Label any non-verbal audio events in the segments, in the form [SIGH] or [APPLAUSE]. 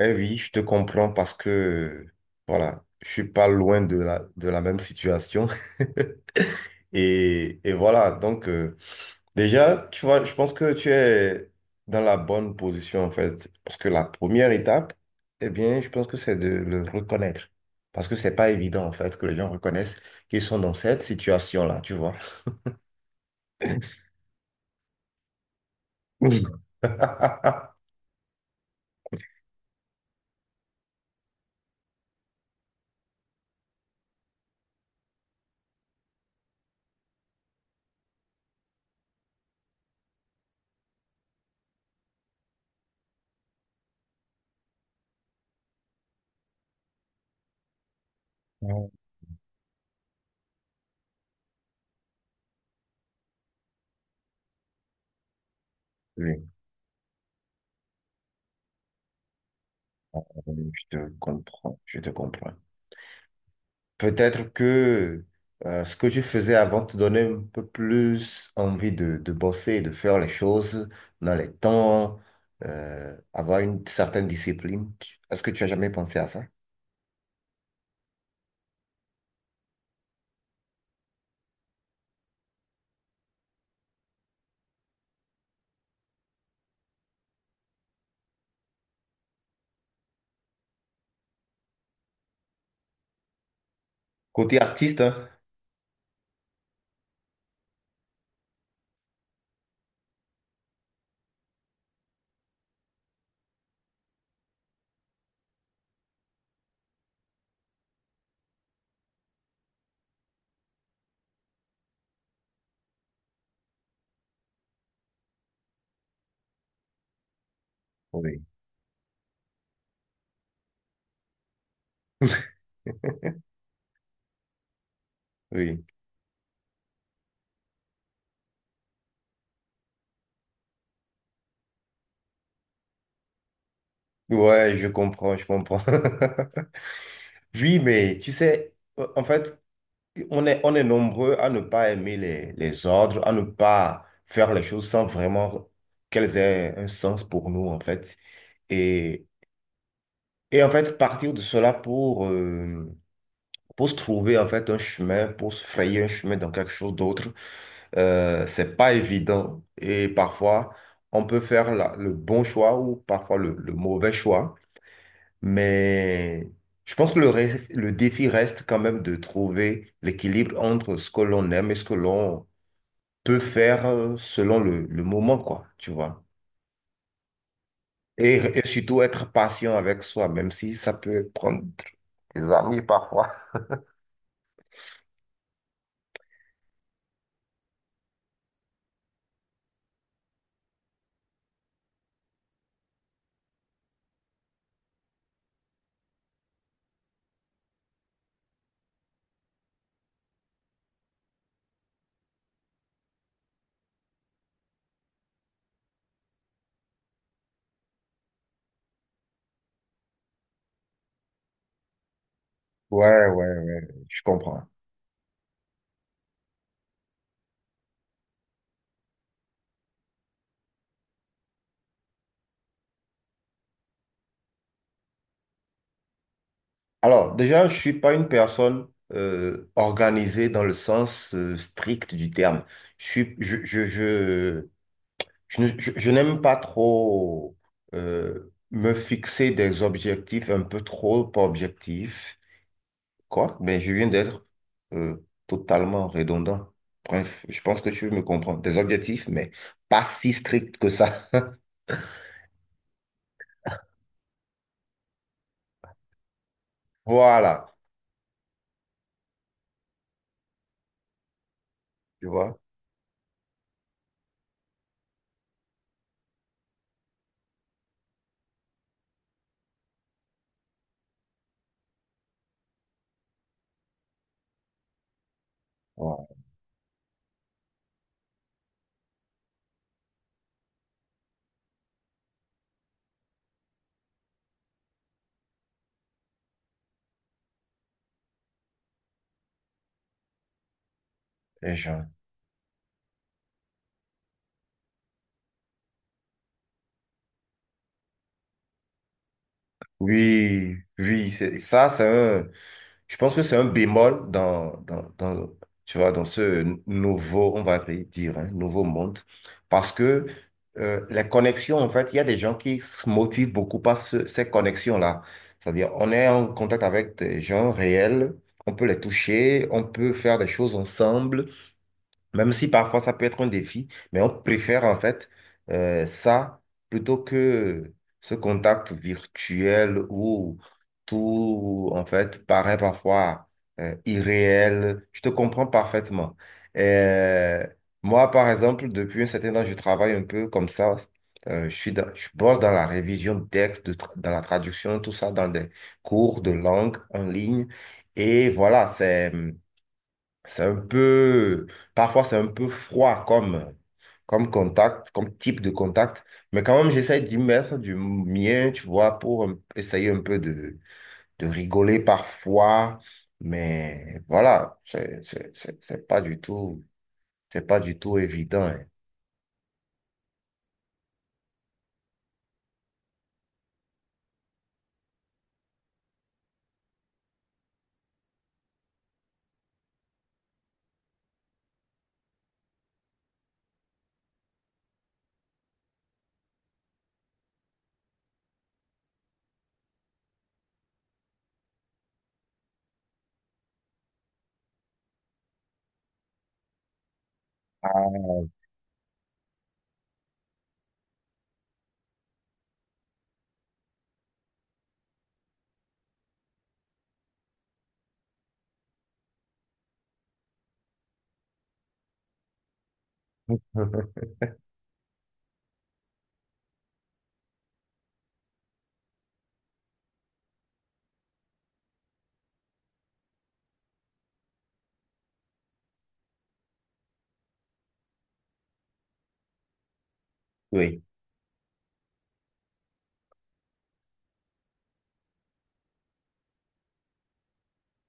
Eh oui, je te comprends parce que, voilà, je suis pas loin de la même situation. [LAUGHS] Et voilà, déjà, tu vois, je pense que tu es dans la bonne position, en fait. Parce que la première étape, eh bien, je pense que c'est de le reconnaître. Parce que c'est pas évident, en fait, que les gens reconnaissent qu'ils sont dans cette situation-là, tu vois. [LAUGHS] Oui, Oui, je te comprends, je te comprends. Peut-être que ce que tu faisais avant te donnait un peu plus envie de bosser, de faire les choses dans les temps, avoir une certaine discipline. Est-ce que tu as jamais pensé à ça? Côté artiste, hein? Oui. Oui. Ouais, je comprends, je comprends. [LAUGHS] Oui, mais tu sais, en fait, on est nombreux à ne pas aimer les ordres, à ne pas faire les choses sans vraiment qu'elles aient un sens pour nous, en fait. Et Et en fait, partir de cela pour se trouver en fait un chemin, pour se frayer un chemin dans quelque chose d'autre, c'est pas évident. Et parfois, on peut faire le bon choix ou parfois le mauvais choix. Mais je pense que le défi reste quand même de trouver l'équilibre entre ce que l'on aime et ce que l'on peut faire selon le moment, quoi, tu vois. Et surtout être patient avec soi, même si ça peut prendre des années parfois. Ouais, ouais, ouais, je comprends. Alors, déjà, je suis pas une personne organisée dans le sens strict du terme. Je suis, je, ne- je n'aime pas trop me fixer des objectifs un peu trop objectifs, quoi, mais je viens d'être euh, totalement redondant. Bref, je pense que tu me comprends. Des objectifs, mais pas si stricts que ça. Voilà, tu vois. Voilà, les gens. Oui, oui, c'est ça, c'est un, je pense que c'est un bémol tu vois, dans ce nouveau, on va dire, hein, nouveau monde, parce que les connexions, en fait, il y a des gens qui se motivent beaucoup par ces connexions-là. C'est-à-dire, on est en contact avec des gens réels, on peut les toucher, on peut faire des choses ensemble. Même si parfois ça peut être un défi, mais on préfère en fait ça plutôt que ce contact virtuel où tout en fait paraît parfois irréel. Je te comprends parfaitement. Euh, Moi, par exemple, depuis un certain temps, je travaille un peu comme ça. Je bosse dans la révision de textes, dans la traduction, tout ça, dans des cours de langue en ligne. Et voilà, c'est... C'est un peu, parfois c'est un peu froid comme, comme contact, comme type de contact, mais quand même j'essaie d'y mettre du mien, tu vois, pour essayer un peu de rigoler parfois, mais voilà, c'est pas du tout, c'est pas du tout évident, hein. Ah, [LAUGHS] oui.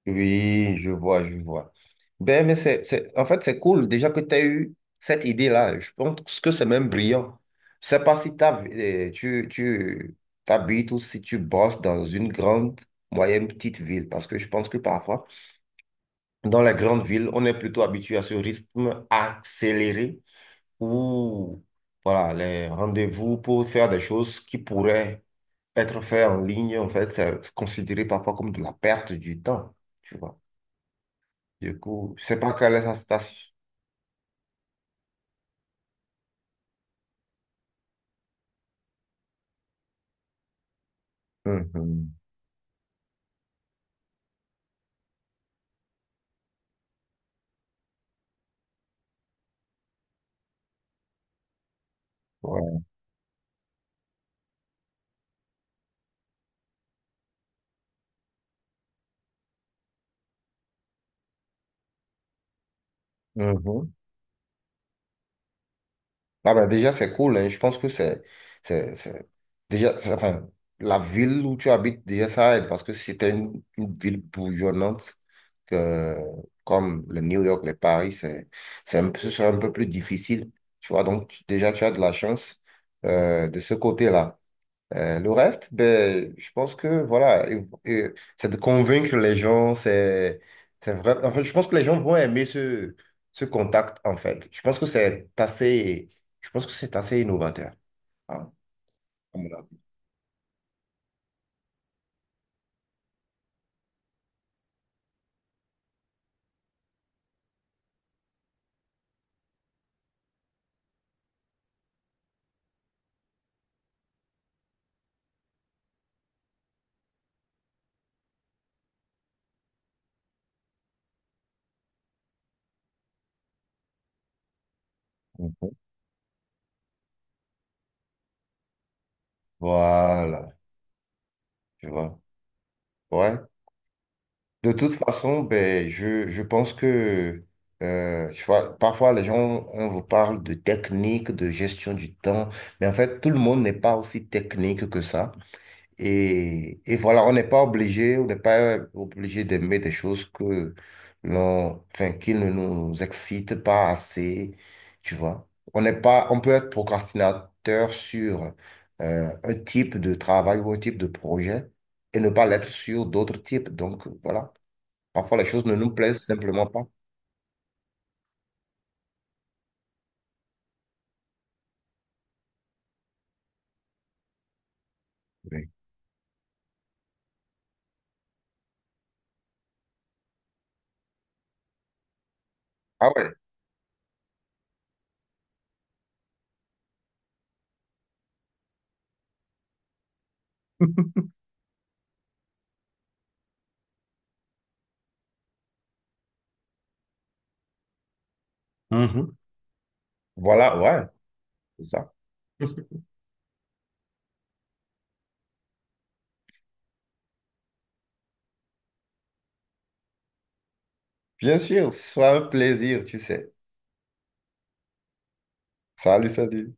Oui, je vois, je vois. Ben, mais c'est, en fait, c'est cool déjà que tu as eu cette idée-là. Je pense que c'est même brillant. Je sais pas si tu t'habites ou si tu bosses dans une grande, moyenne, petite ville, parce que je pense que parfois, dans les grandes villes, on est plutôt habitué à ce rythme accéléré où, voilà, les rendez-vous pour faire des choses qui pourraient être faites en ligne, en fait, c'est considéré parfois comme de la perte du temps, tu vois. Du coup, je sais pas quelle est sa station. Mhm. Ouais. Mhm. Ah ben déjà, c'est cool, hein. Je pense que c'est, c'est- enfin, la ville où tu habites, déjà, ça aide parce que si t'es une ville bourgeonnante que, comme le New York, le Paris, c'est un peu, ce serait un peu plus difficile. Tu vois, donc, déjà, tu as de la chance de ce côté-là. Le reste, ben, je pense que voilà, et c'est de convaincre les gens, c'est vrai. En fait, je pense que les gens vont aimer ce contact, en fait. Je pense que c'est assez innovateur, hein, à mon avis. Voilà, tu vois. Ouais. De toute façon, ben, je pense que tu vois, parfois les gens, on vous parle de technique, de gestion du temps, mais en fait, tout le monde n'est pas aussi technique que ça. Et voilà, on n'est pas obligé, on n'est pas obligé d'aimer des choses que l'on, enfin, qui ne nous excitent pas assez, tu vois. On n'est pas, on peut être procrastinateur sur un type de travail ou un type de projet et ne pas l'être sur d'autres types. Donc voilà, parfois les choses ne nous plaisent simplement pas. Oui. Ah ouais, mhm, voilà, ouais, c'est ça. [LAUGHS] Bien sûr, ce sera un plaisir, tu sais. Salut, salut.